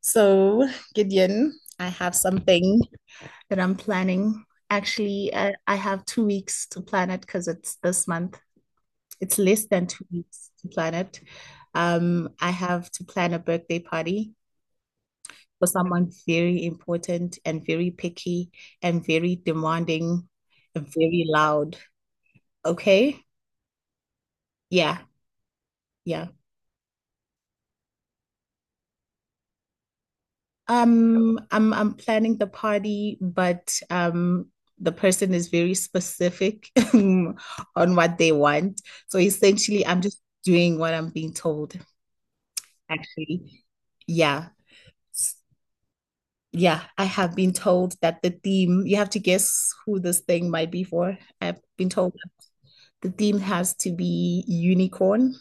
So, Gideon, I have something that I'm planning. Actually, I have 2 weeks to plan it because it's this month. It's less than 2 weeks to plan it. I have to plan a birthday party for someone very important and very picky and very demanding and very loud. Okay? Yeah, yeah. I'm planning the party, but the person is very specific on what they want. So essentially, I'm just doing what I'm being told, actually. Yeah. S- Yeah, I have been told that the theme, you have to guess who this thing might be for. I've been told the theme has to be unicorn.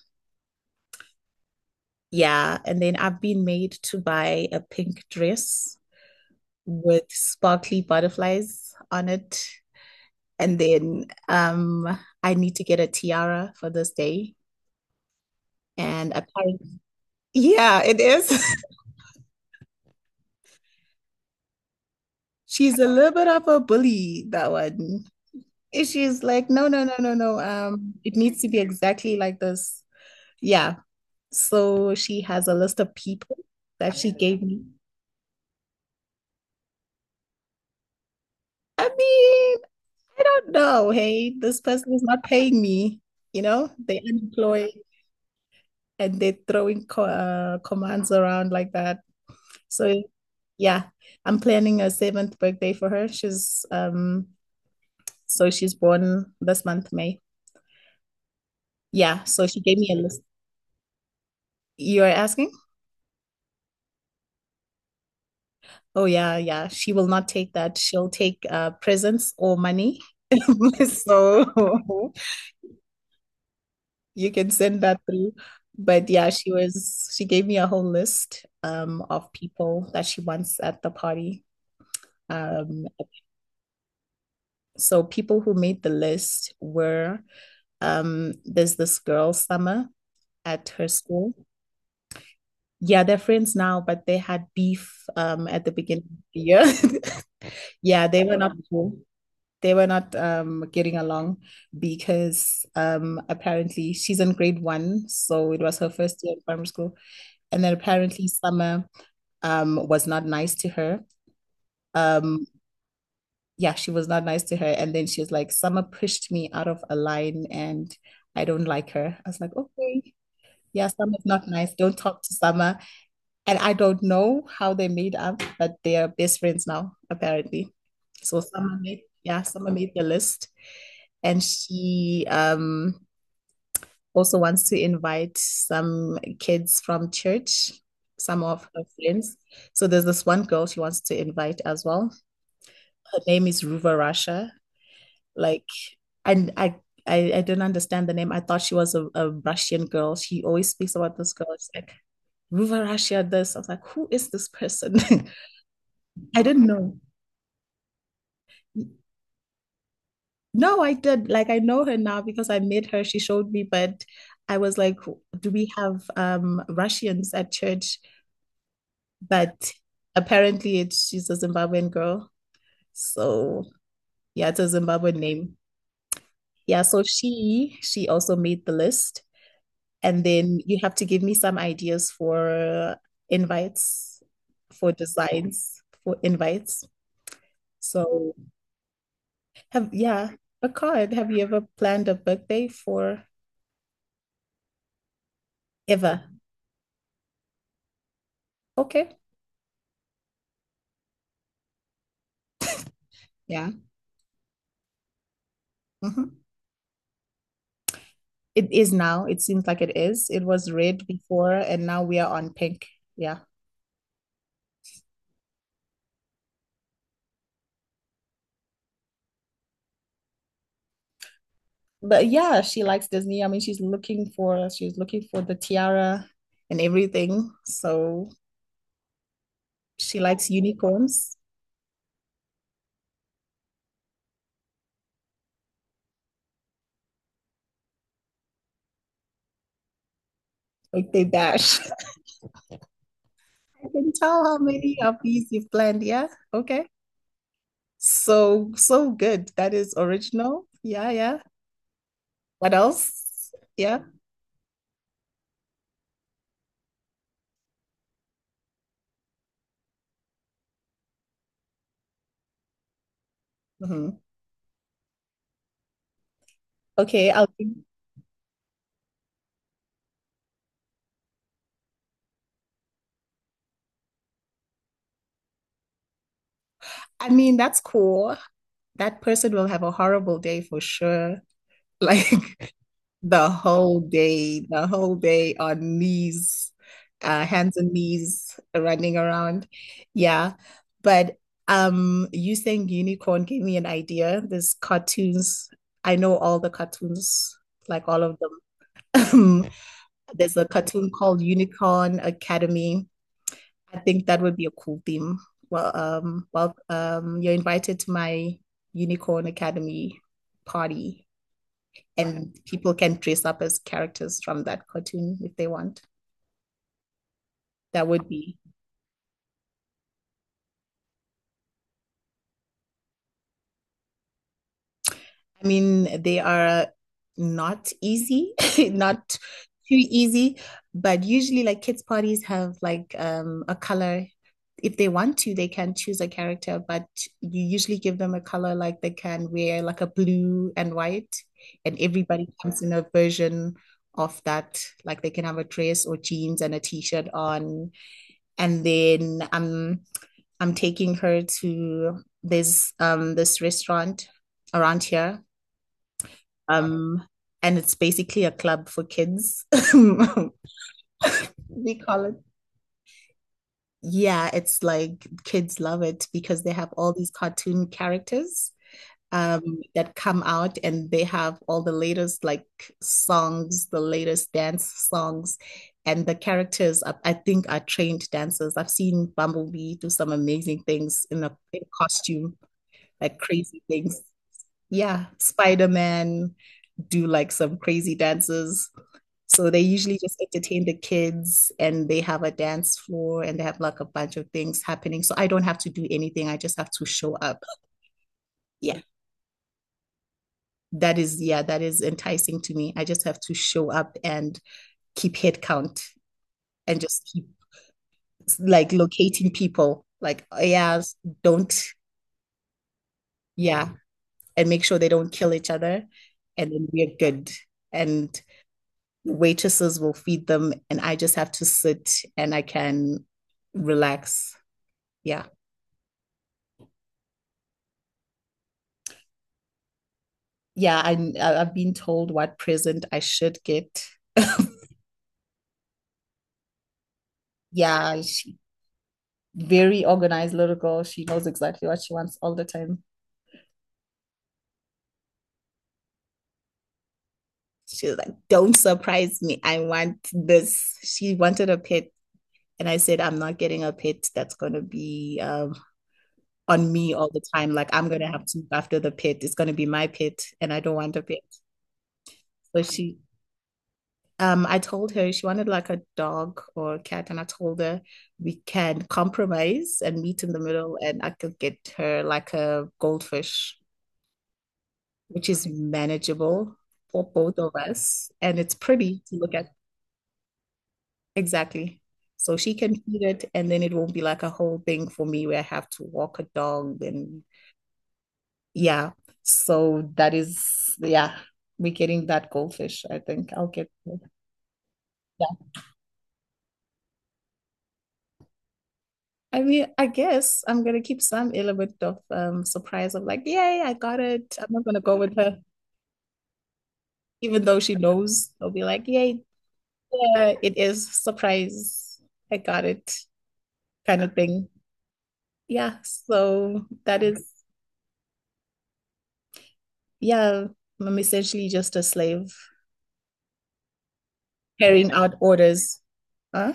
Yeah, and then I've been made to buy a pink dress with sparkly butterflies on it. And then I need to get a tiara for this day. And apparently, yeah, it is. She's a little bit of a bully, that one. And She's like, no, no, no, no, no. It needs to be exactly like this. Yeah. So she has a list of people that she gave me. I mean, I don't know. Hey, this person is not paying me. You know, they're unemployed and they're throwing co commands around like that. So yeah, I'm planning a seventh birthday for her. She's so she's born this month, May. Yeah, so she gave me a list. You're asking? Oh yeah, yeah. She will not take that. She'll take presents or money. So you can send that through. But yeah, she gave me a whole list of people that she wants at the party. Um so people who made the list were there's this girl, Summer at her school. Yeah, they're friends now, but they had beef at the beginning of the year. Yeah, they were not cool. They were not getting along because apparently she's in grade one, so it was her first year in primary school. And then apparently Summer was not nice to her. Um yeah, she was not nice to her. And then she was like, Summer pushed me out of a line and I don't like her. I was like, okay, yeah, Summer's not nice. Don't talk to Summer. And I don't know how they made up, but they are best friends now, apparently. So yeah, Summer made the list, and she also wants to invite some kids from church, some of her friends. So there's this one girl she wants to invite as well. Her name is Ruva Russia. Like, and I. I don't understand the name. I thought she was a Russian girl. She always speaks about this girl. It's like Ruva Russia this. I was like, who is this person? I didn't know. No, I did. Like I know her now because I met her. She showed me, but I was like, do we have Russians at church? But apparently it's she's a Zimbabwean girl. So yeah, it's a Zimbabwean name. Yeah, so she also made the list. And then you have to give me some ideas for invites, for designs, for invites. So have yeah, a card. Have you ever planned a birthday for ever? Okay. Yeah. Hmm. It is now. It seems like it is. It was red before, and now we are on pink. Yeah. But yeah, she likes Disney. I mean, she's looking for the tiara and everything. So she likes unicorns. Like they bash. I can tell how many of these you've planned. Yeah. Okay. So so good. That is original. Yeah, yeah. What else? Yeah. Hmm. Okay, I'll give- I mean, that's cool. That person will have a horrible day for sure. Like, the whole day on knees, hands and knees running around. Yeah. But you saying unicorn gave me an idea. There's cartoons. I know all the cartoons, like all of them. Um, there's a cartoon called Unicorn Academy. I think that would be a cool theme. Well, you're invited to my Unicorn Academy party and people can dress up as characters from that cartoon if they want. That would be. I mean, they are not easy, not too easy, but usually like kids parties have like a color. If they want to, they can choose a character, but you usually give them a color like they can wear like a blue and white, and everybody comes in a version of that. Like they can have a dress or jeans and a t-shirt on, and then I'm taking her to this this restaurant around here. Um, and it's basically a club for kids. We call it. Yeah, it's like kids love it because they have all these cartoon characters um that come out and they have all the latest like songs, the latest dance songs. And the characters, are, I think, are trained dancers. I've seen Bumblebee do some amazing things in a in costume, like crazy things. Yeah, Spider-Man do like some crazy dances. So they usually just entertain the kids and they have a dance floor and they have like a bunch of things happening. So I don't have to do anything. I just have to show up. Yeah. That is, yeah, that is enticing to me. I just have to show up and keep head count and just keep like locating people. Like, oh, yeah, don't, yeah, and make sure they don't kill each other. And then we're good. And waitresses will feed them and I just have to sit and I can relax. Yeah. Yeah, I've been told what present I should get. Yeah, she very organized little girl. She knows exactly what she wants all the time. She's like, "Don't surprise me. I want this." She wanted a pet and I said, "I'm not getting a pet that's going to be on me all the time. Like I'm gonna have to look after the pet. It's gonna be my pet, and I don't want a pet. So she I told her she wanted like a dog or a cat, and I told her we can compromise and meet in the middle, and I could get her like a goldfish, which is manageable for both of us, and it's pretty to look at. Exactly. So she can feed it, and then it won't be like a whole thing for me where I have to walk a dog and yeah. So that is, yeah, we're getting that goldfish, I think. I'll get it. I mean, I guess I'm gonna keep some element of surprise of like, yay, I got it. I'm not gonna go with her, even though she knows. I'll be like, yay, yeah, it is surprise. I got it, kind of thing. Yeah, so that is, yeah, I'm essentially just a slave carrying out orders. Huh?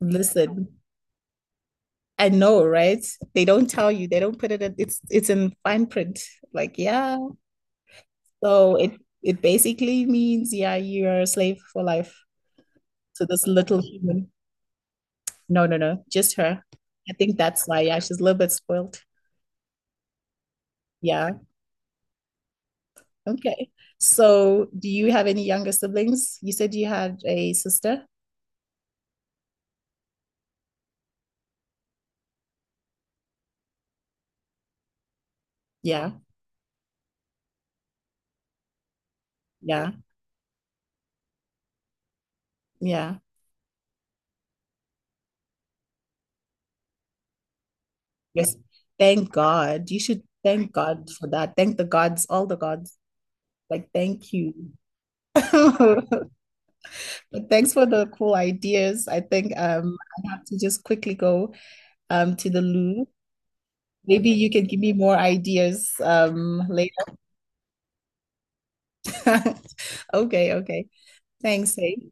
Listen, I know, right? They don't tell you. They don't put it in, it's in fine print. Like, yeah. So it basically means, yeah, you're a slave for life to this little human. No, no, no, just her. I think that's why, yeah, she's a little bit spoiled. Yeah. Okay. So do you have any younger siblings? You said you had a sister? Yeah, yeah, yeah. Yes. Thank God. You should thank God for that. Thank the gods, all the gods. Like, thank you. But thanks for the cool ideas. I think I have to just quickly go to the loo. Maybe you can give me more ideas later. Okay, okay. Thanks, hey.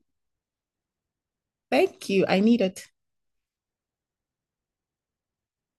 Thank you. I need it.